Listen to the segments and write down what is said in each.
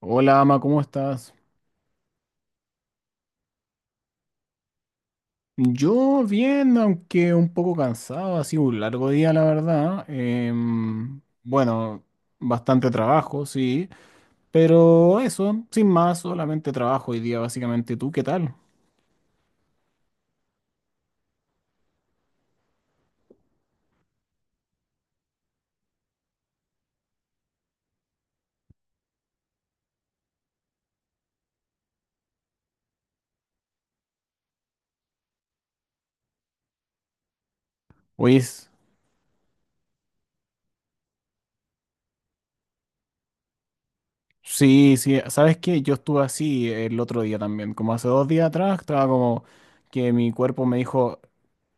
Hola, Ama, ¿cómo estás? Yo bien, aunque un poco cansado, ha sido un largo día, la verdad. Bueno, bastante trabajo, sí, pero eso, sin más, solamente trabajo hoy día, básicamente. ¿Tú qué tal? Oye, sí, sí, ¿sabes qué? Yo estuve así el otro día también, como hace 2 días atrás, estaba como que mi cuerpo me dijo,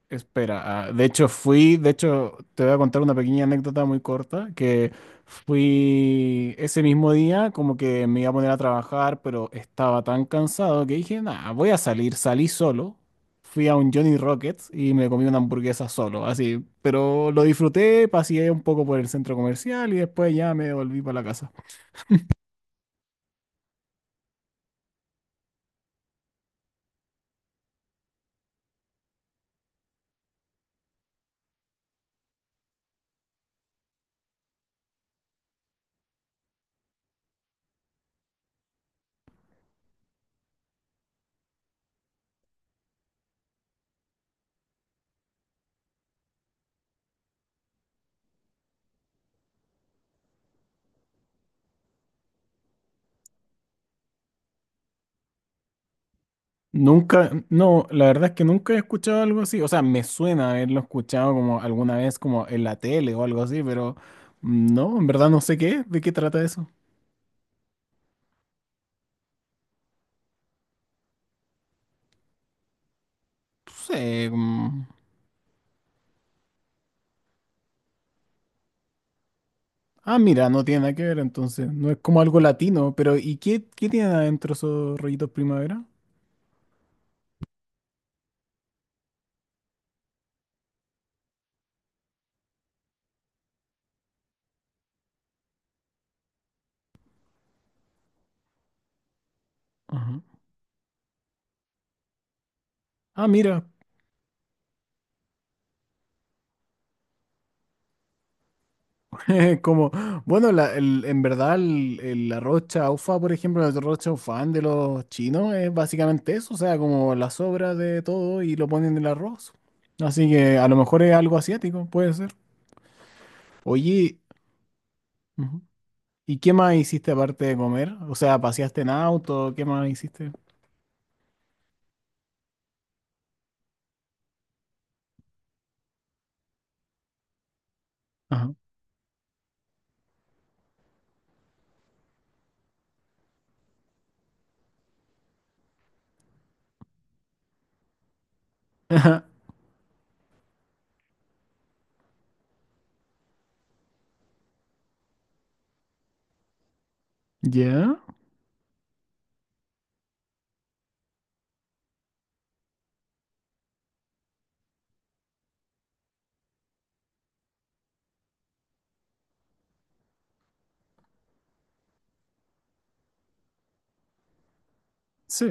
espera, ah, de hecho fui, de hecho te voy a contar una pequeña anécdota muy corta, que fui ese mismo día como que me iba a poner a trabajar, pero estaba tan cansado que dije, nada, voy a salir, salí solo, fui a un Johnny Rockets y me comí una hamburguesa solo, así, pero lo disfruté, paseé un poco por el centro comercial y después ya me volví para la casa. Nunca, no, la verdad es que nunca he escuchado algo así. O sea, me suena haberlo escuchado como alguna vez como en la tele o algo así, pero no, en verdad no sé qué, es, de qué trata eso. No como- Ah, mira, no tiene nada que ver entonces. No es como algo latino, pero ¿y qué, tiene adentro esos rollitos primavera? Ajá. Ah, mira, como, bueno, en verdad la rocha chaufa, por ejemplo, el arroz chaufán de los chinos es básicamente eso, o sea, como la sobra de todo y lo ponen en el arroz. Así que a lo mejor es algo asiático, puede ser. Oye, ujú, ¿y qué más hiciste aparte de comer? O sea, ¿paseaste en auto? ¿Qué más hiciste? Ajá. ¿Ya? Sí.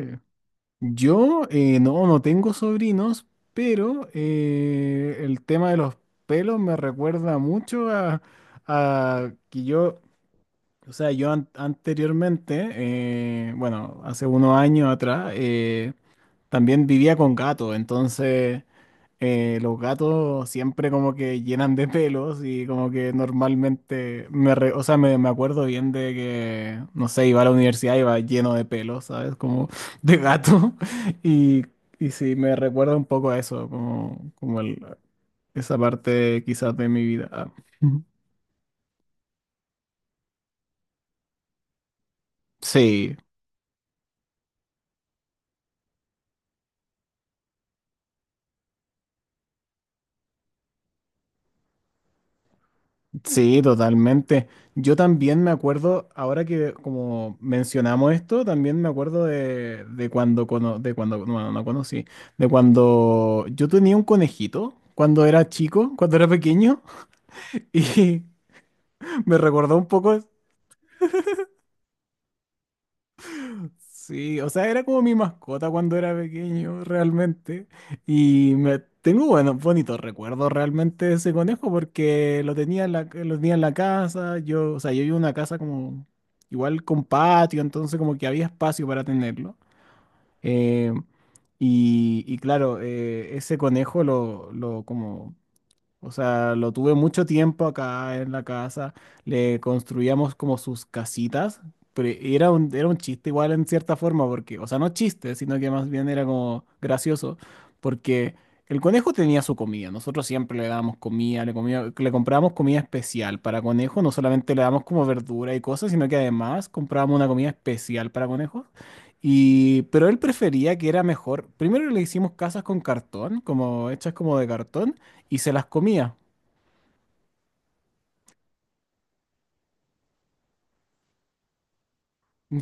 Yo no, no tengo sobrinos, pero el tema de los pelos me recuerda mucho a, que yo, o sea, yo anteriormente, bueno, hace unos años atrás, también vivía con gatos, entonces los gatos siempre como que llenan de pelos y como que normalmente, o sea, me acuerdo bien de que, no sé, iba a la universidad, iba lleno de pelos, ¿sabes? Como de gato. Y, y sí, me recuerda un poco a eso, como, como esa parte quizás de mi vida. Sí, sí, totalmente. Yo también me acuerdo, ahora que como mencionamos esto, también me acuerdo de cuando, de cuando, no, no conocí, de cuando yo tenía un conejito cuando era chico, cuando era pequeño, y me recordó un poco. Sí, o sea, era como mi mascota cuando era pequeño, realmente. Y me tengo buenos, bonitos recuerdos realmente de ese conejo porque lo tenía en la casa. Yo, o sea, yo vivo en una casa como igual con patio, entonces como que había espacio para tenerlo. Eh, y claro, ese conejo lo como o sea, lo tuve mucho tiempo acá en la casa. Le construíamos como sus casitas. Pero era era un chiste igual en cierta forma, porque, o sea, no chiste, sino que más bien era como gracioso, porque el conejo tenía su comida. Nosotros siempre le dábamos comida, le comprábamos comida especial para conejo. No solamente le damos como verdura y cosas, sino que además comprábamos una comida especial para conejos. Y, pero él prefería que era mejor. Primero le hicimos casas con cartón, como hechas como de cartón y se las comía.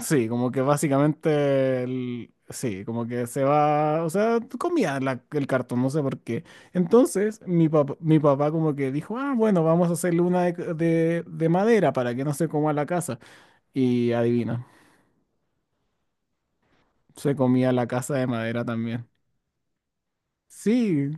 Sí, como que básicamente, sí, como que se va, o sea, comía el cartón, no sé por qué. Entonces, mi papá como que dijo, ah, bueno, vamos a hacerle una de madera para que no se coma la casa. Y adivina, se comía la casa de madera también. Sí,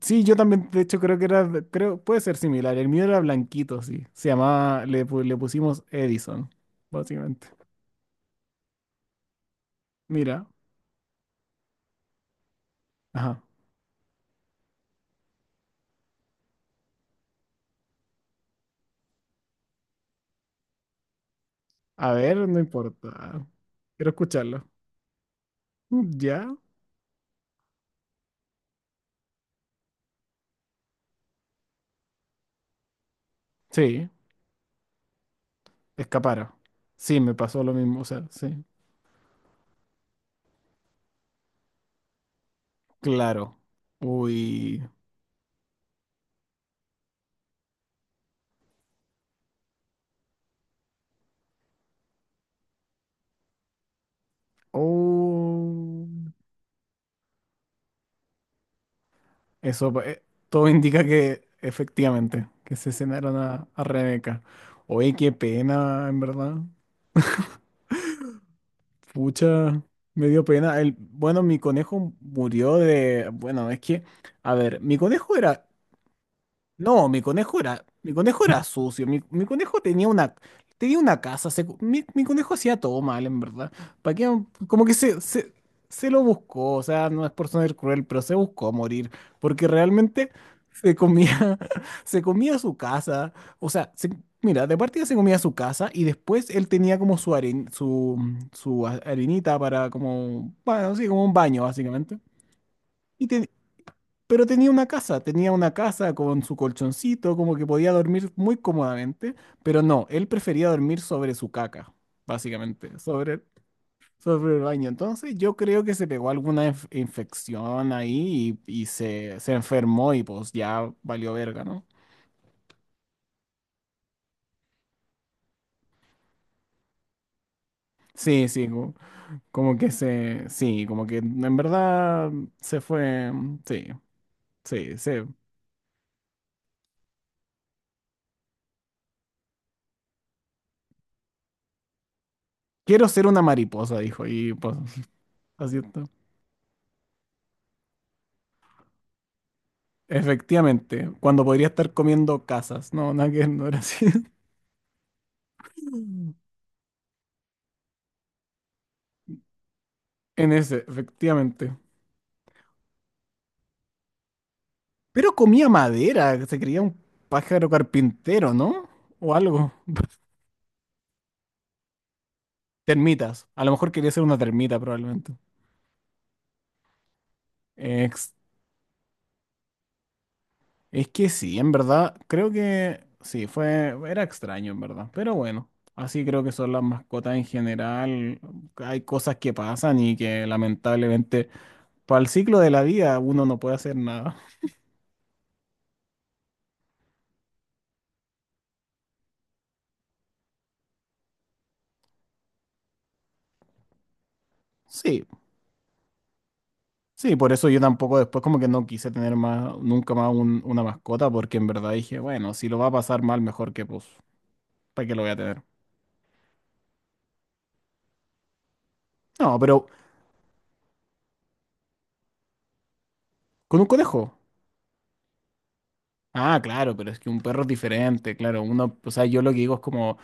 sí, yo también, de hecho, creo que era, creo, puede ser similar. El mío era blanquito, sí. Se llamaba, le pusimos Edison, básicamente. Mira, a ver, no importa. Quiero escucharlo. Mm, ¿ya? Sí, escapara. Sí, me pasó lo mismo, o sea, sí. Claro. Uy. Oh. Eso, todo indica que efectivamente, que se cenaron a, Rebeca. Oye, qué pena, en verdad. Pucha, me dio pena. Bueno, mi conejo murió de, bueno, es que, a ver, mi conejo era. No, mi conejo era sucio. Mi conejo tenía una casa. Mi conejo hacía todo mal, en verdad. ¿Para qué? Como que se lo buscó. O sea, no es por ser cruel, pero se buscó morir. Porque realmente se comía, se comía su casa. O sea, mira, de partida se comía su casa y después él tenía como su harinita para como, bueno, sí, como un baño, básicamente. y te- pero tenía una casa con su colchoncito, como que podía dormir muy cómodamente, pero no, él prefería dormir sobre su caca, básicamente, sobre el baño. Entonces yo creo que se pegó alguna infección ahí y se enfermó y pues ya valió verga, ¿no? Sí, sí, como que se, sí, como que en verdad se fue, sí, sí, se. Quiero ser una mariposa, dijo, y pues así está. Efectivamente, cuando podría estar comiendo casas. No, nada que ver, no era así. En ese, efectivamente. Pero comía madera, se creía un pájaro carpintero, ¿no? O algo. Termitas. A lo mejor quería ser una termita, probablemente. Ex- es que sí, en verdad, creo que sí, fue, era extraño, en verdad. Pero bueno, así creo que son las mascotas en general. Hay cosas que pasan y que lamentablemente, para el ciclo de la vida, uno no puede hacer nada. Sí. Sí, por eso yo tampoco después como que no quise tener más, nunca más una mascota, porque en verdad dije, bueno, si lo va a pasar mal, mejor que pues, ¿para qué lo voy a tener? No, pero con un conejo. Ah, claro, pero es que un perro es diferente, claro. Uno, o sea, yo lo que digo es como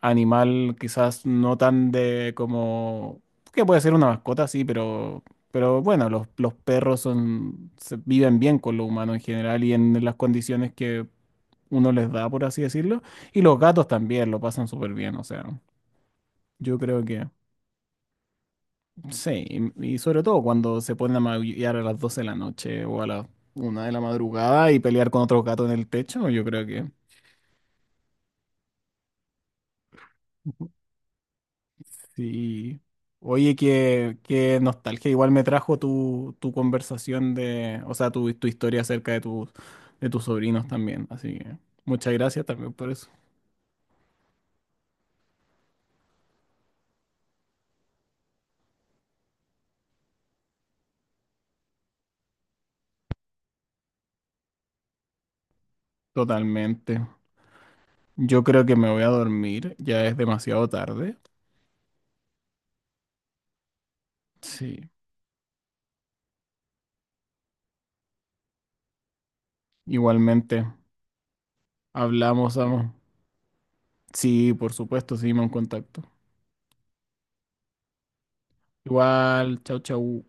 animal quizás no tan de como, que puede ser una mascota, sí, pero, bueno, los perros son, viven bien con lo humano en general y en las condiciones que uno les da, por así decirlo. Y los gatos también lo pasan súper bien, o sea. Yo creo que sí, y sobre todo cuando se ponen a maullar a las 12 de la noche o a las 1 de la madrugada y pelear con otro gato en el techo, yo creo que sí. Oye, qué, nostalgia. Igual me trajo tu conversación de, o sea, tu historia acerca de tus sobrinos también. Así que muchas gracias también por eso. Totalmente. Yo creo que me voy a dormir, ya es demasiado tarde. Sí, igualmente. Hablamos, amo. Sí, por supuesto, seguimos en contacto. Igual, chau, chau.